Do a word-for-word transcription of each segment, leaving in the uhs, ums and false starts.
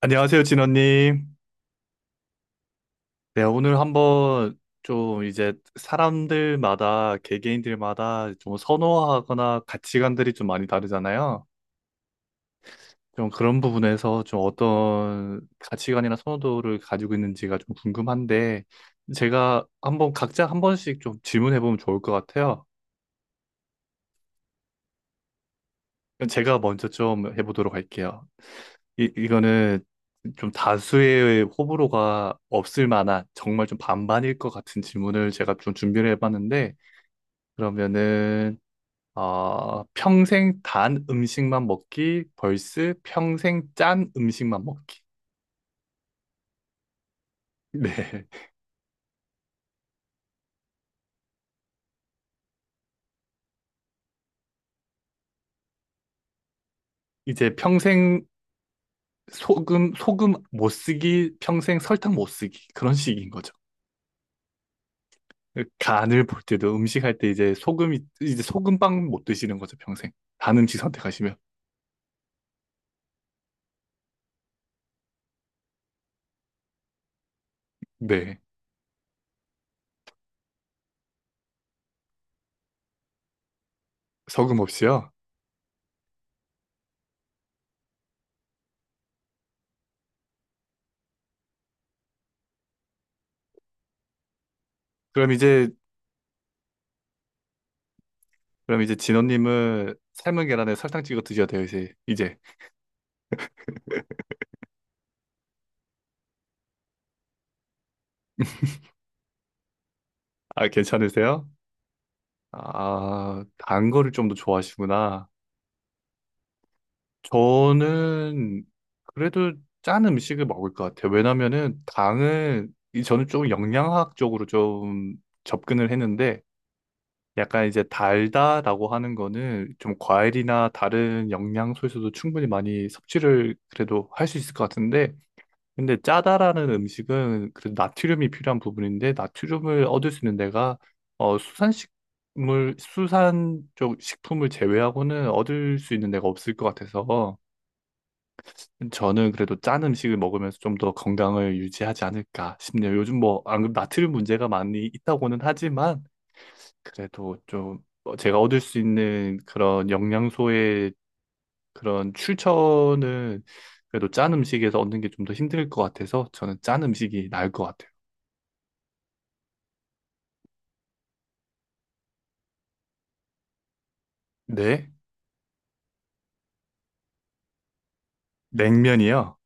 안녕하세요, 진원님. 네, 오늘 한번 좀 이제 사람들마다, 개개인들마다 좀 선호하거나 가치관들이 좀 많이 다르잖아요. 좀 그런 부분에서 좀 어떤 가치관이나 선호도를 가지고 있는지가 좀 궁금한데, 제가 한번 각자 한 번씩 좀 질문해보면 좋을 것 같아요. 그럼 제가 먼저 좀 해보도록 할게요. 이, 이거는 좀 다수의 호불호가 없을 만한 정말 좀 반반일 것 같은 질문을 제가 좀 준비를 해봤는데 그러면은 어, 평생 단 음식만 먹기 vs 평생 짠 음식만 먹기. 네. 이제 평생 소금 소금 못 쓰기, 평생 설탕 못 쓰기 그런 식인 거죠. 간을 볼 때도 음식 할 때 이제 소금이 이제 소금빵 못 드시는 거죠, 평생 단 음식 선택하시면. 네, 소금 없이요? 그럼 이제 그럼 이제 진호님은 삶은 계란에 설탕 찍어 드셔야 돼요, 이제. 이제 아, 괜찮으세요? 아, 단 거를 좀 더 좋아하시구나. 저는 그래도 짠 음식을 먹을 것 같아요. 왜냐면은 당은 이 저는 좀 영양학적으로 좀 접근을 했는데, 약간 이제 달다라고 하는 거는 좀 과일이나 다른 영양소에서도 충분히 많이 섭취를 그래도 할 수 있을 것 같은데, 근데 짜다라는 음식은 그래도 나트륨이 필요한 부분인데, 나트륨을 얻을 수 있는 데가 어, 수산식물, 수산 쪽 식품을 제외하고는 얻을 수 있는 데가 없을 것 같아서, 저는 그래도 짠 음식을 먹으면서 좀 더 건강을 유지하지 않을까 싶네요. 요즘 뭐, 안 그래도 나트륨 문제가 많이 있다고는 하지만, 그래도 좀 어, 제가 얻을 수 있는 그런 영양소의 그런 출처는 그래도 짠 음식에서 얻는 게 좀 더 힘들 것 같아서 저는 짠 음식이 나을 것 같아요. 네? 냉면이요?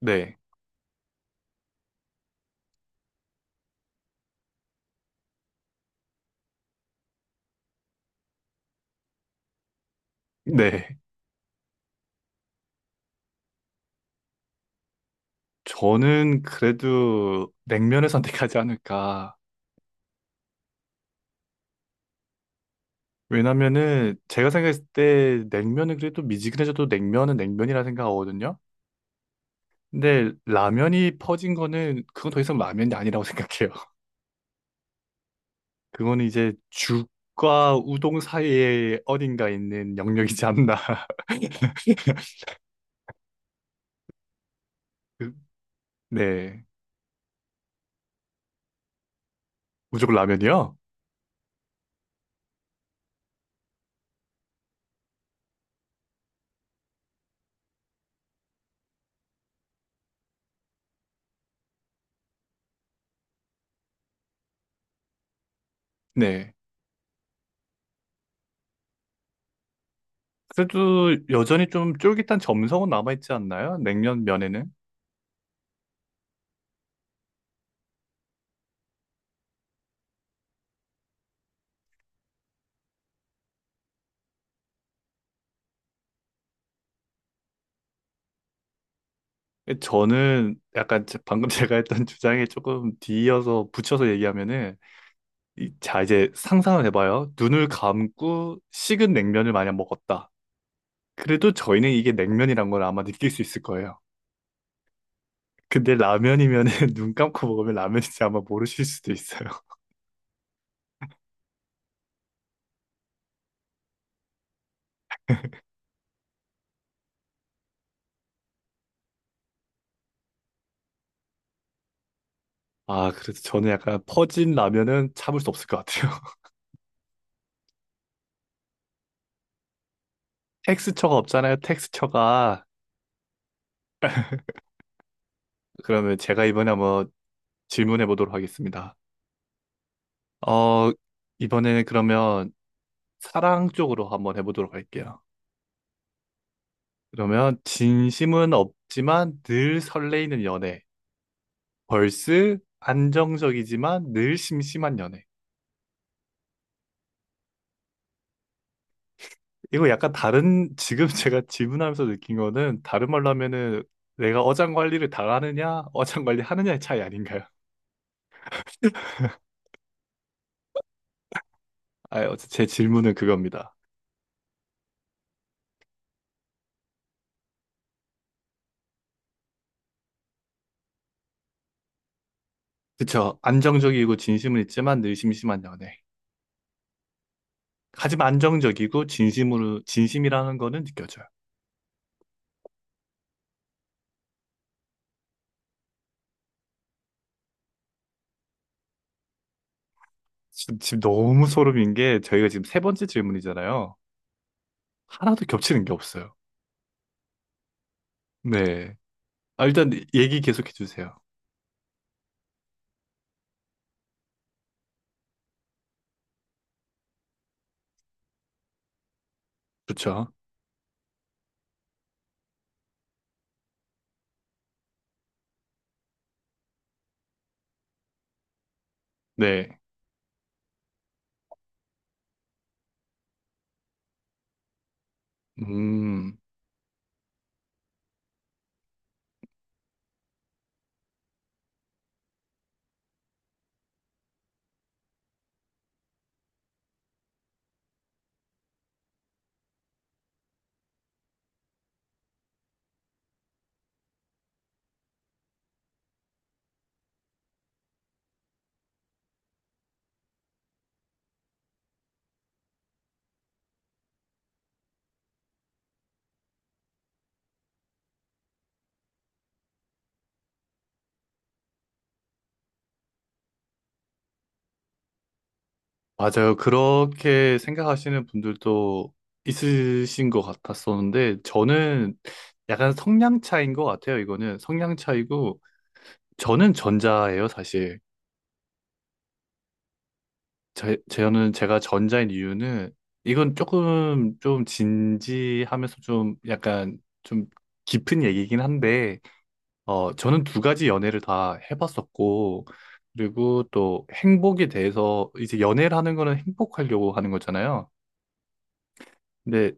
네. 네. 저는 그래도 냉면을 선택하지 않을까. 왜냐면은 제가 생각했을 때 냉면은 그래도 미지근해져도 냉면은 냉면이라 생각하거든요. 근데 라면이 퍼진 거는 그건 더 이상 라면이 아니라고 생각해요. 그거는 이제 죽과 우동 사이에 어딘가 있는 영역이지 않나. 그- 네. 무조건 라면이요? 네. 그래도 여전히 좀 쫄깃한 점성은 남아있지 않나요? 냉면 면에는? 저는 약간 제- 방금 제가 했던 주장에 조금 뒤이어서 붙여서 얘기하면은, 이- 자, 이제 상상을 해봐요. 눈을 감고 식은 냉면을 마냥 먹었다. 그래도 저희는 이게 냉면이란 걸 아마 느낄 수 있을 거예요. 근데 라면이면은 눈 감고 먹으면 라면인지 아마 모르실 수도 있어요. 아, 그래서 저는 약간 퍼진 라면은 참을 수 없을 것 같아요. 텍스처가 없잖아요, 텍스처가. 그러면 제가 이번에 한번 질문해 보도록 하겠습니다. 어, 이번에는 그러면 사랑 쪽으로 한번 해보도록 할게요. 그러면 진심은 없지만 늘 설레이는 연애. 벌스 안정적이지만 늘 심심한 연애. 이거 약간 다른, 지금 제가 질문하면서 느낀 거는 다른 말로 하면은 내가 어장 관리를 당하느냐, 어장 관리 하느냐의 차이 아닌가요? 아, 어째- 제 질문은 그겁니다. 그쵸. 안정적이고 진심은 있지만 늘 심심한 연애. 하지만 안정적이고 진심으로, 진심이라는 거는 느껴져요. 지금, 지금 너무 소름인 게 저희가 지금 세 번째 질문이잖아요. 하나도 겹치는 게 없어요. 네. 아, 일단 얘기 계속해 주세요. 그쵸. 네. 음. 맞아요. 그렇게 생각하시는 분들도 있으신 것 같았었는데, 저는 약간 성향 차이인 것 같아요. 이거는 성향 차이고, 저는 전자예요, 사실. 제, 저는 제가 전자인 이유는, 이건 조금 좀 진지하면서 좀 약간 좀 깊은 얘기긴 한데, 어, 저는 두 가지 연애를 다 해봤었고, 그리고 또 행복에 대해서, 이제 연애를 하는 거는 행복하려고 하는 거잖아요. 근데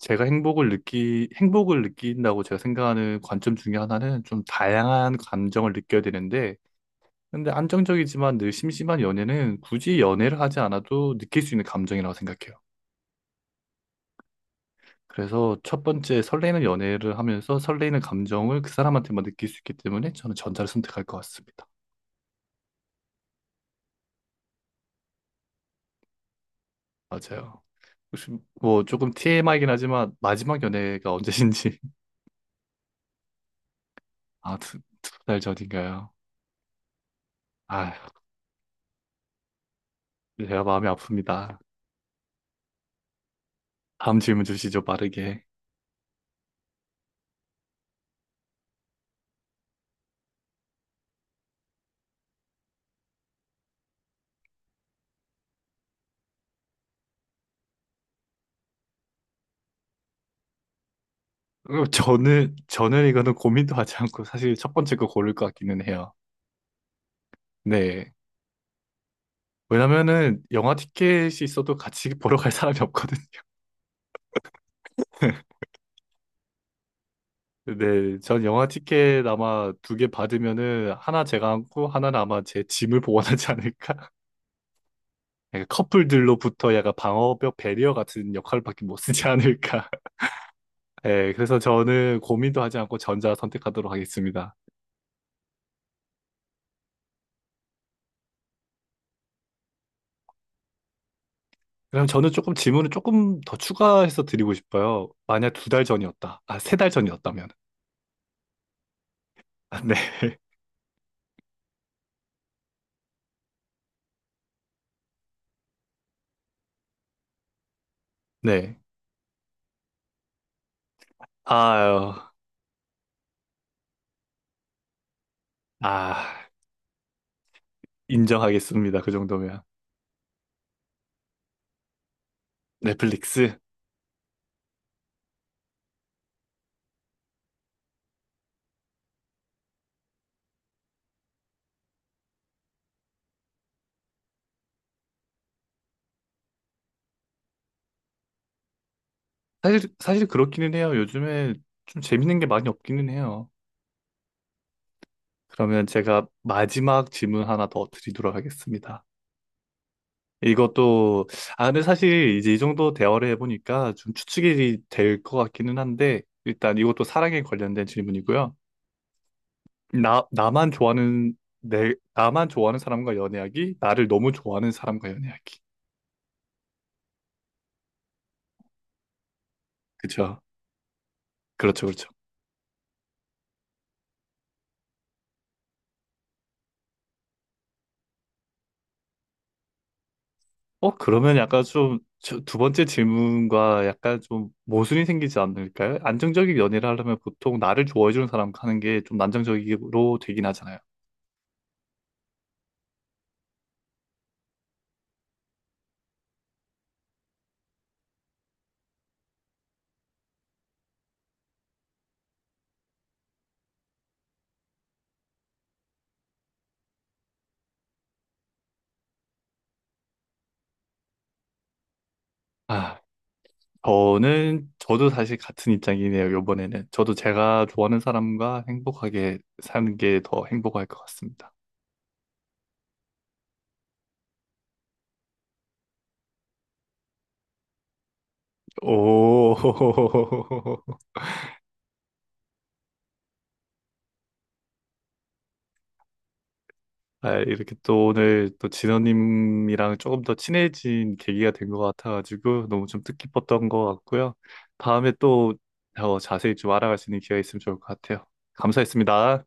제가 행복을 느끼, 행복을 느낀다고 제가 생각하는 관점 중에 하나는 좀 다양한 감정을 느껴야 되는데, 근데 안정적이지만 늘 심심한 연애는 굳이 연애를 하지 않아도 느낄 수 있는 감정이라고 생각해요. 그래서 첫 번째 설레는 연애를 하면서 설레는 감정을 그 사람한테만 느낄 수 있기 때문에 저는 전자를 선택할 것 같습니다. 맞아요. 혹시 뭐 조금 티엠아이이긴 하지만 마지막 연애가 언제신지. 아, 두, 두 달 전인가요? 아, 제가 마음이 아픕니다. 다음 질문 주시죠, 빠르게. 그럼 저는, 저는 이거는 고민도 하지 않고 사실 첫 번째 거 고를 것 같기는 해요. 네. 왜냐면은 영화 티켓이 있어도 같이 보러 갈 사람이 없거든요. 네. 전 영화 티켓 아마 두 개 받으면은 하나 제가 안고 하나는 아마 제 짐을 보관하지 않을까? 약간 커플들로부터 약간 방어벽 배리어 같은 역할밖에 못 쓰지 않을까? 네. 그래서 저는 고민도 하지 않고 전자 선택하도록 하겠습니다. 그럼 저는 조금 질문을 조금 더 추가해서 드리고 싶어요. 만약 두 달 전이었다. 아, 세 달 전이었다면. 아, 네. 네. 아유. 아, 인정하겠습니다. 그 정도면. 넷플릭스. 사실, 사실 그렇기는 해요. 요즘에 좀 재밌는 게 많이 없기는 해요. 그러면 제가 마지막 질문 하나 더 드리도록 하겠습니다. 이것도, 아, 근데 사실 이제 이 정도 대화를 해보니까 좀 추측이 될 것 같기는 한데, 일단 이것도 사랑에 관련된 질문이고요. 나, 나만 좋아하는, 내, 나만 좋아하는 사람과 연애하기, 나를 너무 좋아하는 사람과 연애하기. 그죠? 그렇죠, 그렇죠. 어, 그러면 약간 좀, 저, 두 번째 질문과 약간 좀 모순이 생기지 않을까요? 안정적인 연애를 하려면 보통 나를 좋아해주는 사람과 하는 게 좀 안정적으로 되긴 하잖아요. 아, 저는, 저도 사실 같은 입장이네요, 요번에는. 저도 제가 좋아하는 사람과 행복하게 사는 게 더 행복할 것 같습니다. 오. 아, 이렇게 또 오늘 또 진호님이랑 조금 더 친해진 계기가 된 것 같아가지고 너무 좀 뜻깊었던 것 같고요. 다음에 또 더 자세히 좀 알아갈 수 있는 기회가 있으면 좋을 것 같아요. 감사했습니다.